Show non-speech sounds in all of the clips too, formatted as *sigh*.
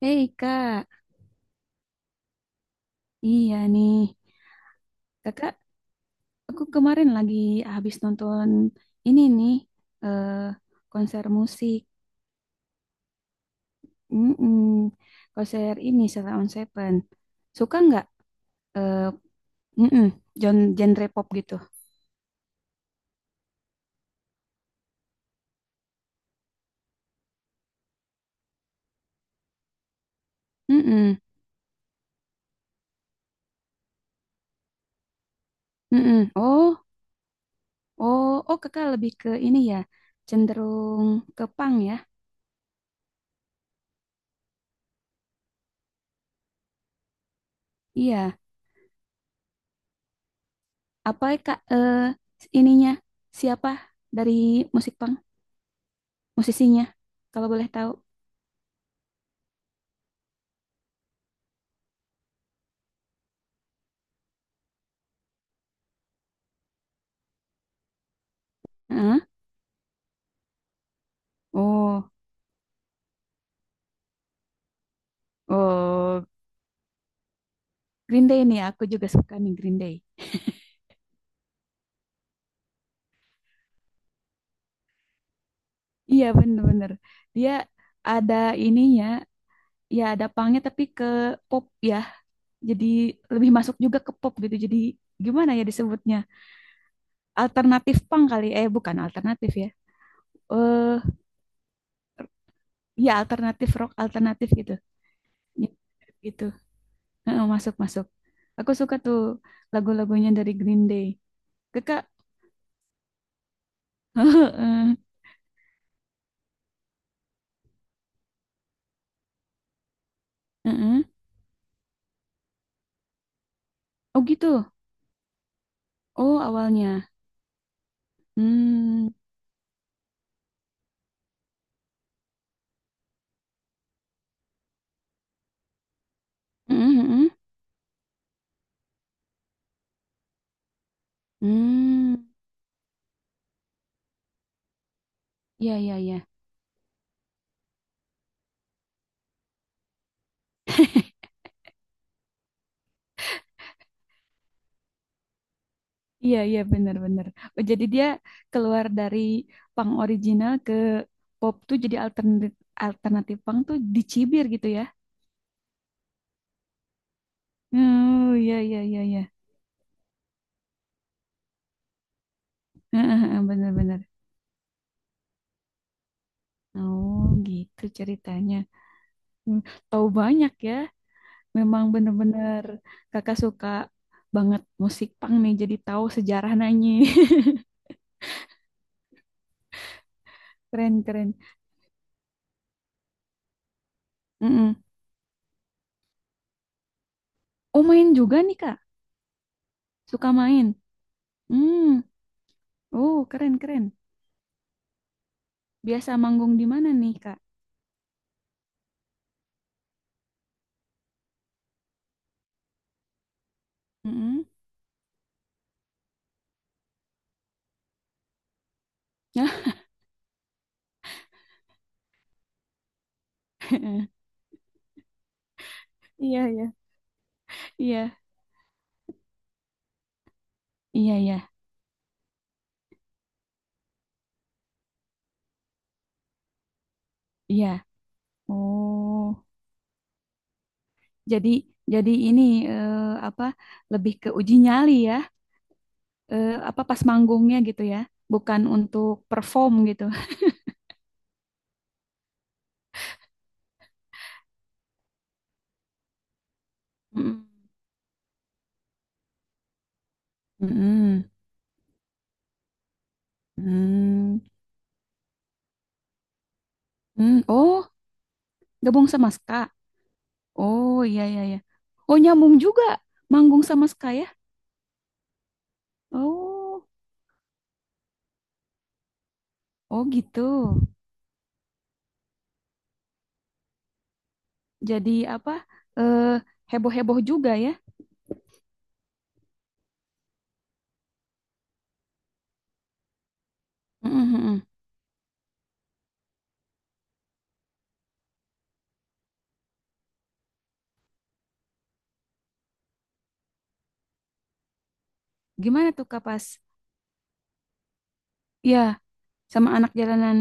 Hei kak, iya nih. Kakak, aku kemarin lagi habis nonton ini nih, eh, konser musik. Mm-mm. Konser ini, Sheila on Seven. Suka nggak eh, mm-mm, genre pop gitu? Mm-mm, mm-mm. Oh, oh, oh, kakak lebih ke ini ya, cenderung ke punk ya? Iya. Apa kak ininya? Siapa dari musik punk? Musisinya, kalau boleh tahu. Heeh. Oh. Oh, Green Day nih, aku juga suka nih Green Day. Iya bener-bener, dia ada ininya, ya ada punknya tapi ke pop ya, jadi lebih masuk juga ke pop gitu. Jadi gimana ya disebutnya? Alternatif punk kali, eh bukan alternatif ya. Eh, ya alternatif rock alternatif gitu. Ya, gitu. Heeh, masuk masuk. Aku suka tuh lagu-lagunya dari Green Day. Kakak, *laughs* heeh, heeh. Oh gitu. Oh awalnya. Hmm. Heeh, heeh. Hmm, iya iya iya. *laughs* Iya iya benar benar. Oh, jadi dia keluar dari punk original ke pop tuh jadi alternatif, alternatif punk tuh dicibir gitu ya. Oh iya iya iya iya. *laughs* Benar benar. Oh, gitu ceritanya. Hmm. Tahu banyak ya. Memang benar-benar kakak suka banget musik punk nih jadi tahu sejarah nanyi. *laughs* Keren keren. Mm-mm. Oh, main juga nih, Kak. Suka main. Hmm. Oh, keren keren. Biasa manggung di mana nih, Kak? Mm-mm. *laughs* Iya iya iya iya iya iya. Oh, jadi, jadi eh, apa, lebih ke uji nyali ya? Apa pas manggungnya gitu ya? Bukan untuk perform gitu. *laughs* Mm-mm. Mm-mm. Mm. Mm. Oh, gabung sama Ska. Oh iya iya iya. Oh nyambung juga manggung sama Ska ya? Oh, oh gitu. Jadi apa eh, heboh-heboh juga ya. Mm, mm, mm. Gimana tuh kapas? Ya, sama anak jalanan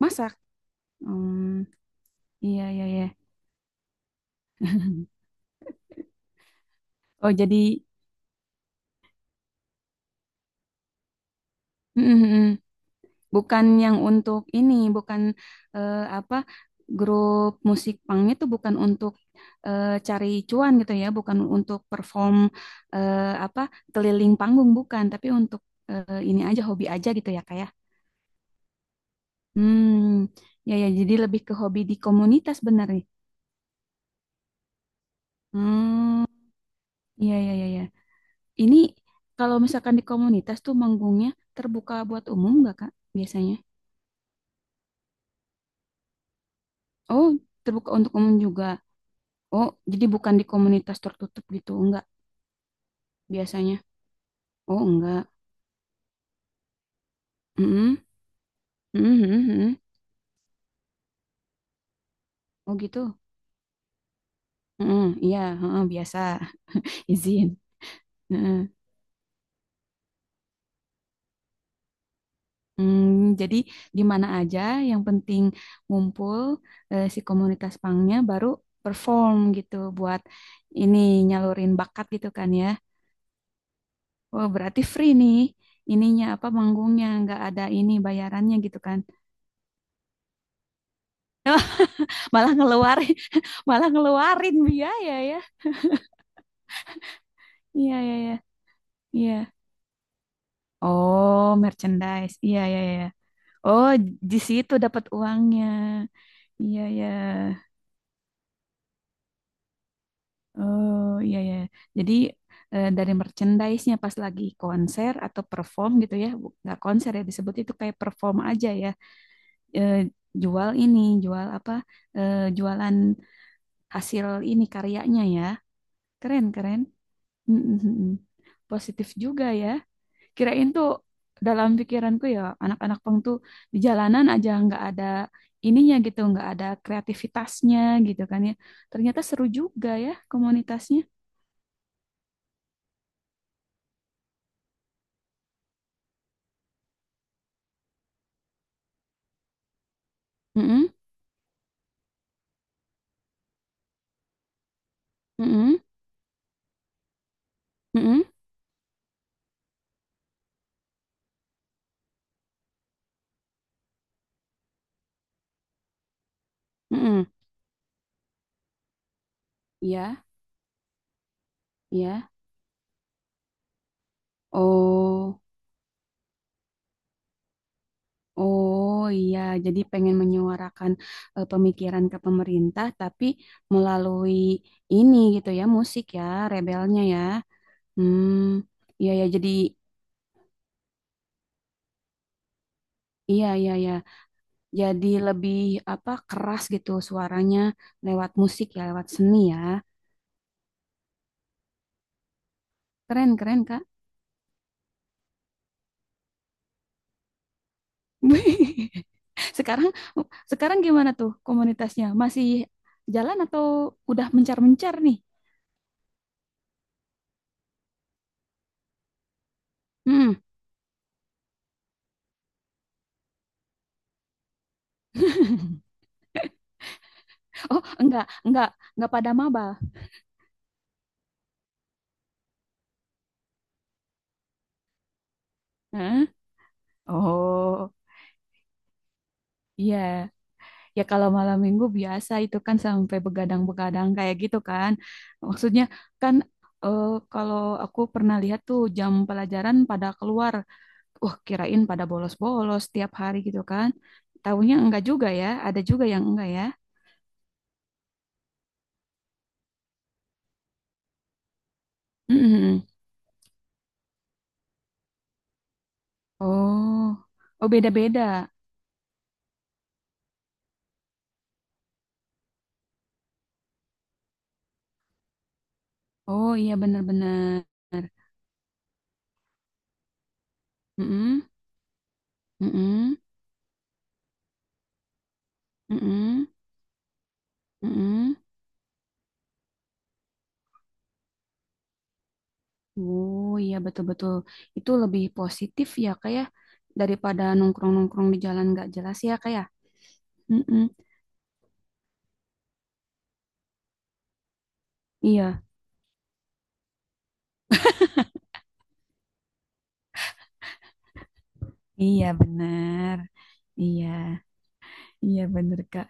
masak. Hmm, iya iya iya. Oh jadi mm, mm, mm. Bukan yang untuk ini, bukan apa, grup musik pangnya tuh bukan untuk cari cuan gitu ya, bukan untuk perform apa, keliling panggung bukan, tapi untuk ini aja, hobi aja gitu ya kayak. Hmm, ya ya jadi lebih ke hobi di komunitas bener nih. Hmm, iya iya iya iya. Ini kalau misalkan di komunitas tuh manggungnya terbuka buat umum nggak Kak biasanya? Oh, terbuka untuk umum juga. Oh, jadi bukan di komunitas tertutup gitu enggak biasanya. Oh, enggak. Mm-mm. Mm-mm, mm-mm. Oh, gitu. Mm-mm, iya, heeh, biasa. *laughs* Izin. Heeh. Hmm, jadi di mana aja yang penting ngumpul si komunitas pangnya baru perform gitu buat ini, nyalurin bakat gitu kan ya. Oh, berarti free nih. Ininya apa, manggungnya nggak ada ini bayarannya gitu kan. Malah ngeluarin, *laughs* malah ngeluarin biaya ya. Iya iya iya. Iya. Oh, merchandise. Iya iya iya. Iya. Oh, di situ dapat uangnya. Iya iya. Oh, iya iya. Jadi dari merchandise-nya pas lagi konser atau perform gitu ya. Nggak konser ya, disebut itu kayak perform aja ya. Eh, Jual ini, jual apa? Eh, jualan hasil ini, karyanya ya. Keren, keren. Mm, mm, mm. Positif juga ya. Kirain tuh dalam pikiranku ya anak-anak pang tuh di jalanan aja, nggak ada ininya gitu, nggak ada kreativitasnya gitu kan ya. Ternyata seru juga ya komunitasnya. Mm-mm, mm-mm, mm-mm, mm-mm. Iya, iya. Oh. Oh iya, jadi pengen menyuarakan pemikiran ke pemerintah, tapi melalui ini gitu ya, musik ya, rebelnya ya. Hmm, iya ya, jadi iya iya ya, jadi lebih apa, keras gitu suaranya lewat musik ya, lewat seni ya. Keren keren Kak. *laughs* Sekarang, gimana tuh komunitasnya? Masih jalan atau udah mencar-mencar nih? Hmm. *laughs* Oh enggak pada maba. *laughs* Oh, iya. Ya kalau malam minggu biasa itu kan sampai begadang-begadang kayak gitu kan. Maksudnya kan eh, kalau aku pernah lihat tuh jam pelajaran pada keluar. Wah, kirain pada bolos-bolos tiap hari gitu kan. Tahunya enggak juga ya, ada juga yang enggak ya. Mm-mm. Oh, oh beda-beda. Oh iya benar-benar. Mm-mm. Mm-mm. Mm-mm. Mm-mm. Oh iya betul-betul, itu lebih positif ya kayak, daripada nongkrong-nongkrong di jalan nggak jelas ya kayak. Mm-mm. Iya. Iya benar, iya, iya benar Kak.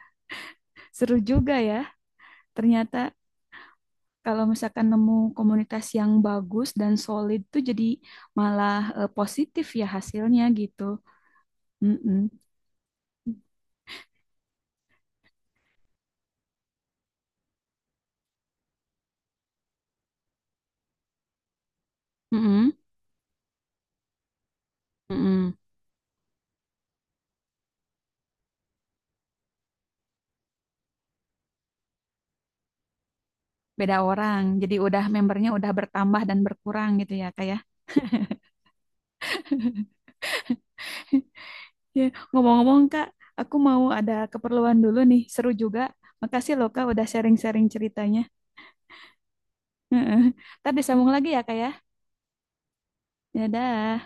Seru juga ya, ternyata kalau misalkan nemu komunitas yang bagus dan solid tuh jadi malah positif ya hasilnya gitu. Mm-mm. Mm-mm. Mm-mm. Beda orang, jadi udah membernya udah bertambah dan berkurang gitu ya Kak ya. *laughs* Ya, ngomong-ngomong Kak, aku mau ada keperluan dulu nih, seru juga. Makasih loh Kak udah sharing-sharing ceritanya. Heeh. Ntar disambung lagi ya Kak ya. Dadah.